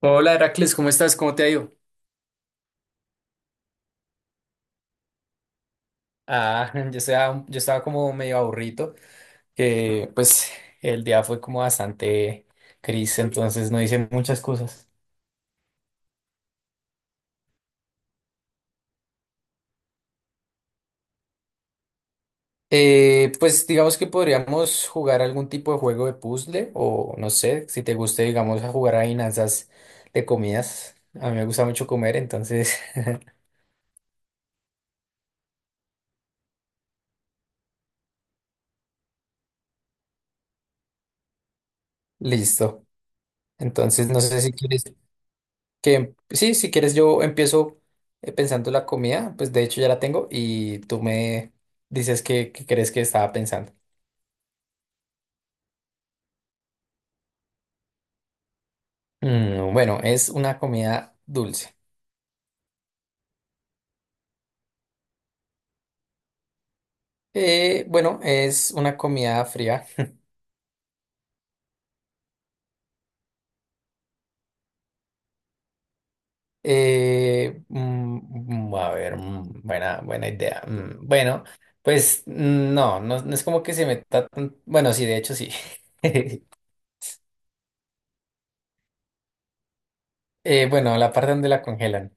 Hola Heracles, ¿cómo estás? ¿Cómo te ha ido? Ah, yo estaba como medio aburrido, que pues el día fue como bastante gris, entonces no hice muchas cosas. Pues digamos que podríamos jugar algún tipo de juego de puzzle o no sé, si te guste, digamos, a jugar adivinanzas de comidas. A mí me gusta mucho comer, entonces listo. Entonces no sé si quieres. Que sí, si quieres yo empiezo, pensando la comida, pues de hecho ya la tengo y tú me dices qué crees que estaba pensando. Bueno, es una comida dulce. Bueno, es una comida fría. A ver, buena idea. Bueno, pues no, no es como que se meta tan... Bueno, sí, de hecho sí. Bueno, la parte donde la congelan.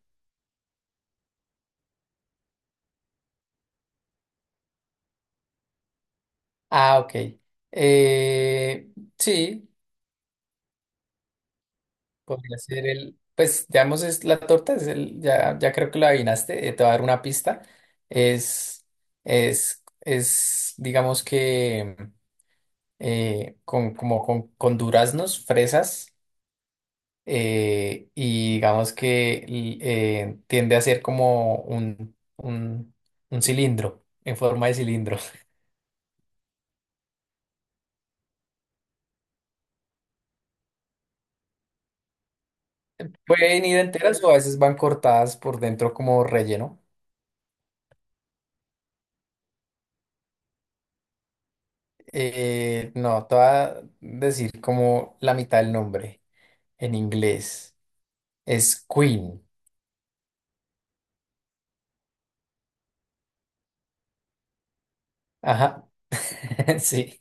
Ah, ok. Eh, sí. Podría ser el, pues digamos es la torta, es el, ya, ya creo que lo adivinaste, te voy a dar una pista. Es, es, digamos que con, como con duraznos, fresas, y digamos que tiende a ser como un cilindro, en forma de cilindro. Pueden ir enteras o a veces van cortadas por dentro como relleno. No, te voy a decir como la mitad del nombre en inglés. Es Queen. Ajá, sí.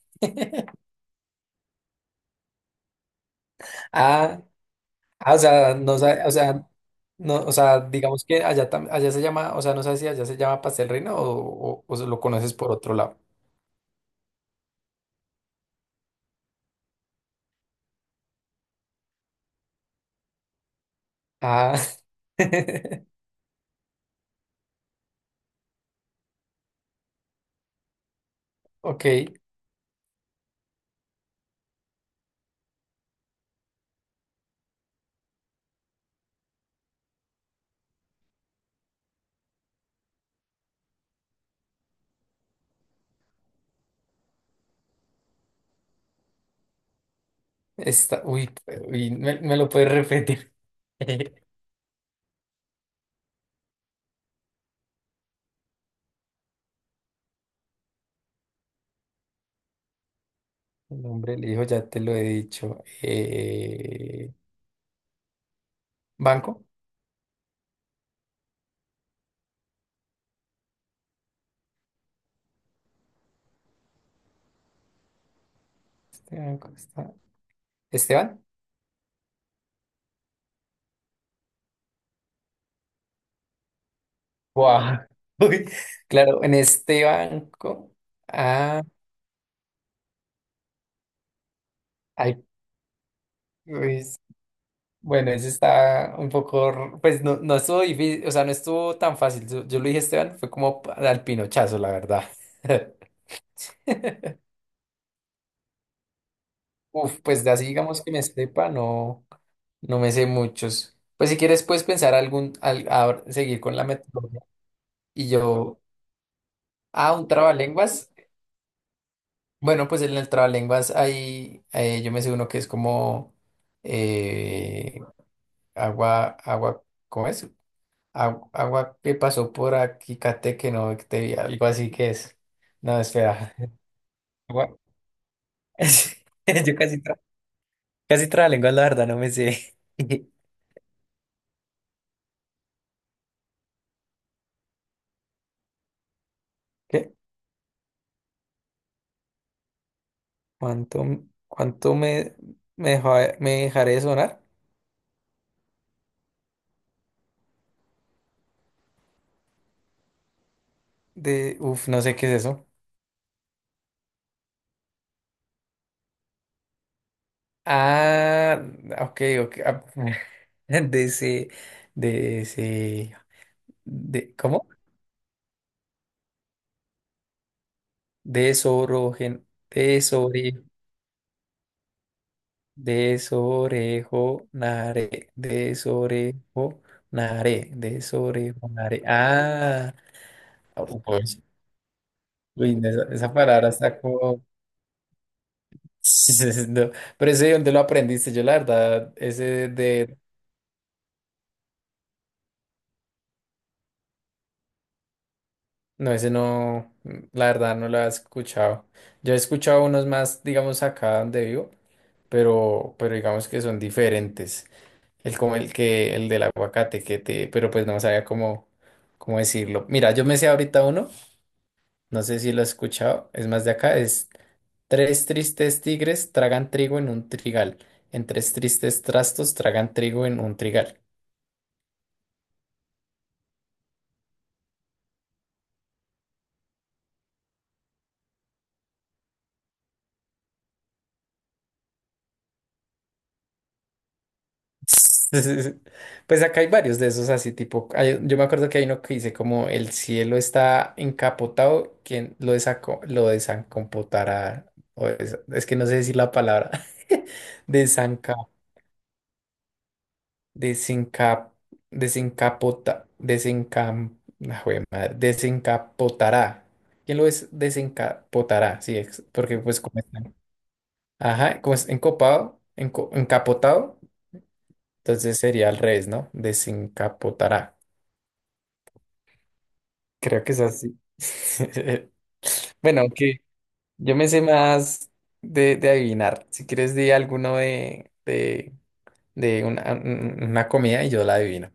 Ah, ah, o sea, o sea, no, o sea, digamos que allá, allá se llama, o sea, no sé si allá se llama pastel reina o se lo conoces por otro lado. Ah, ok. Está, uy, uy, me lo puedes repetir. El nombre del hijo, ya te lo he dicho. ¿Banco? Este banco está. ¿Esteban? Wow. Uy, claro, en este banco. Ah, ay, pues, bueno, ese está un poco, pues no, no estuvo difícil, o sea, no estuvo tan fácil. Yo lo dije, Esteban, fue como al pinochazo, la verdad. Uf, pues de así digamos que me sepa, no, no me sé muchos. Pues si quieres, puedes pensar ahora seguir con la metodología. Y yo, ah, un trabalenguas. Bueno, pues en el trabalenguas hay, yo me sé uno que es como, eh, agua, agua, ¿cómo es? Agua que pasó por aquí, Cate, que no, algo así que es. No, espera. Agua. Yo casi, tra casi trabalengua, la verdad, no me sé. ¿Qué? ¿Cuánto, cuánto me dejaré de sonar? De, uf, no sé qué es eso. Ah, ok. Ah, De ese, de ese, ¿cómo? De Desorejonaré, desorejonaré. Ah, oh, pues, uy, no, esa palabra está como... No, pero ese, ¿dónde lo aprendiste? Yo la verdad, ese de... No, ese no, la verdad no lo he escuchado. Yo he escuchado unos más, digamos, acá donde vivo, pero digamos que son diferentes. El del aguacate, que te, pero pues no sabía cómo decirlo. Mira, yo me sé ahorita uno. No sé si lo has escuchado, es más de acá, es tres tristes tigres tragan trigo en un trigal, en tres tristes trastos tragan trigo en un trigal. Pues acá hay varios de esos así tipo, hay, yo me acuerdo que hay uno que dice como el cielo está encapotado, lo desancopotará, es que no sé decir la palabra, desanca. Desencap, desencapota, desencam, ah, jue madre, desencapotará. ¿Quién lo es? Desencapotará, sí, porque pues como está. Ajá, como es encapotado, entonces sería al revés, ¿no? Desencapotará. Creo que es así. Bueno, aunque yo me sé más de adivinar. Si quieres, di alguno de una comida y yo la adivino.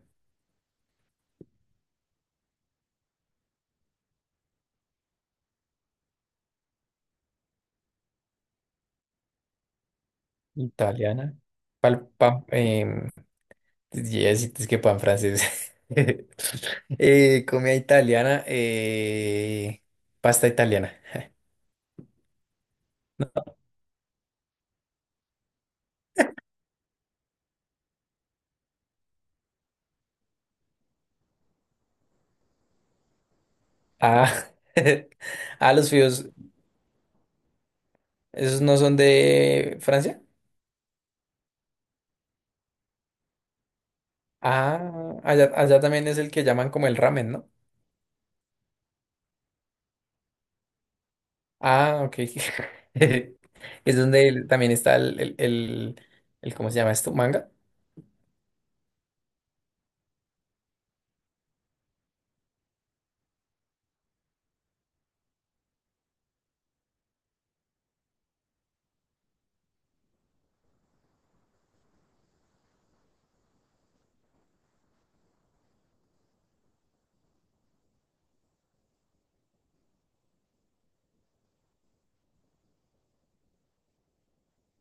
Italiana. Pal, pan, em, yes, es que pan francés. Comida italiana. Pasta italiana. Ah, ah, los fideos, ¿esos no son de Francia? Ah, allá también es el que llaman como el ramen, ¿no? Ah, ok. Es donde también está ¿cómo se llama esto? ¿Manga?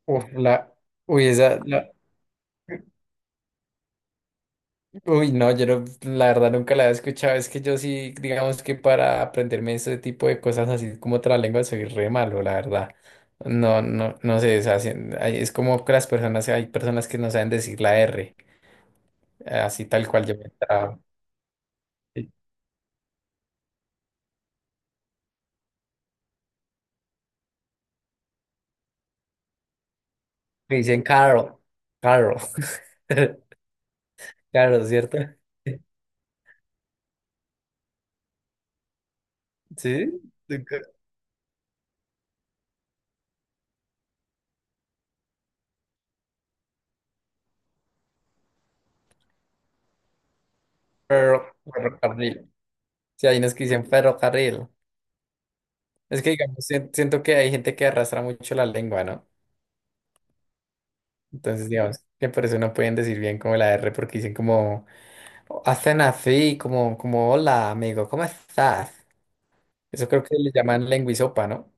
Uf, la, uy, uy, no, yo no, la verdad nunca la he escuchado. Es que yo sí, digamos que para aprenderme ese tipo de cosas así como otra lengua soy re malo, la verdad. No sé, o sea, ay, es como que las personas, hay personas que no saben decir la R, así tal cual yo me trabo. Sí. Me dicen Carol, Carol, ¿cierto? Sí. Ferrocarril. Sí, hay unos que dicen ferrocarril. Es que, digamos, siento que hay gente que arrastra mucho la lengua, ¿no? Entonces, digamos, que por eso no pueden decir bien como la R, porque dicen como, "Oh, hacen así, como, como, hola, amigo, ¿cómo estás?" Eso creo que le llaman lenguisopa, ¿no?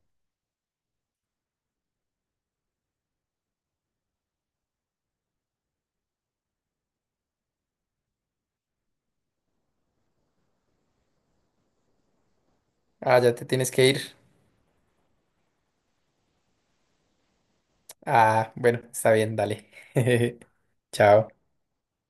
Ah, ya te tienes que ir. Ah, bueno, está bien, dale. Chao.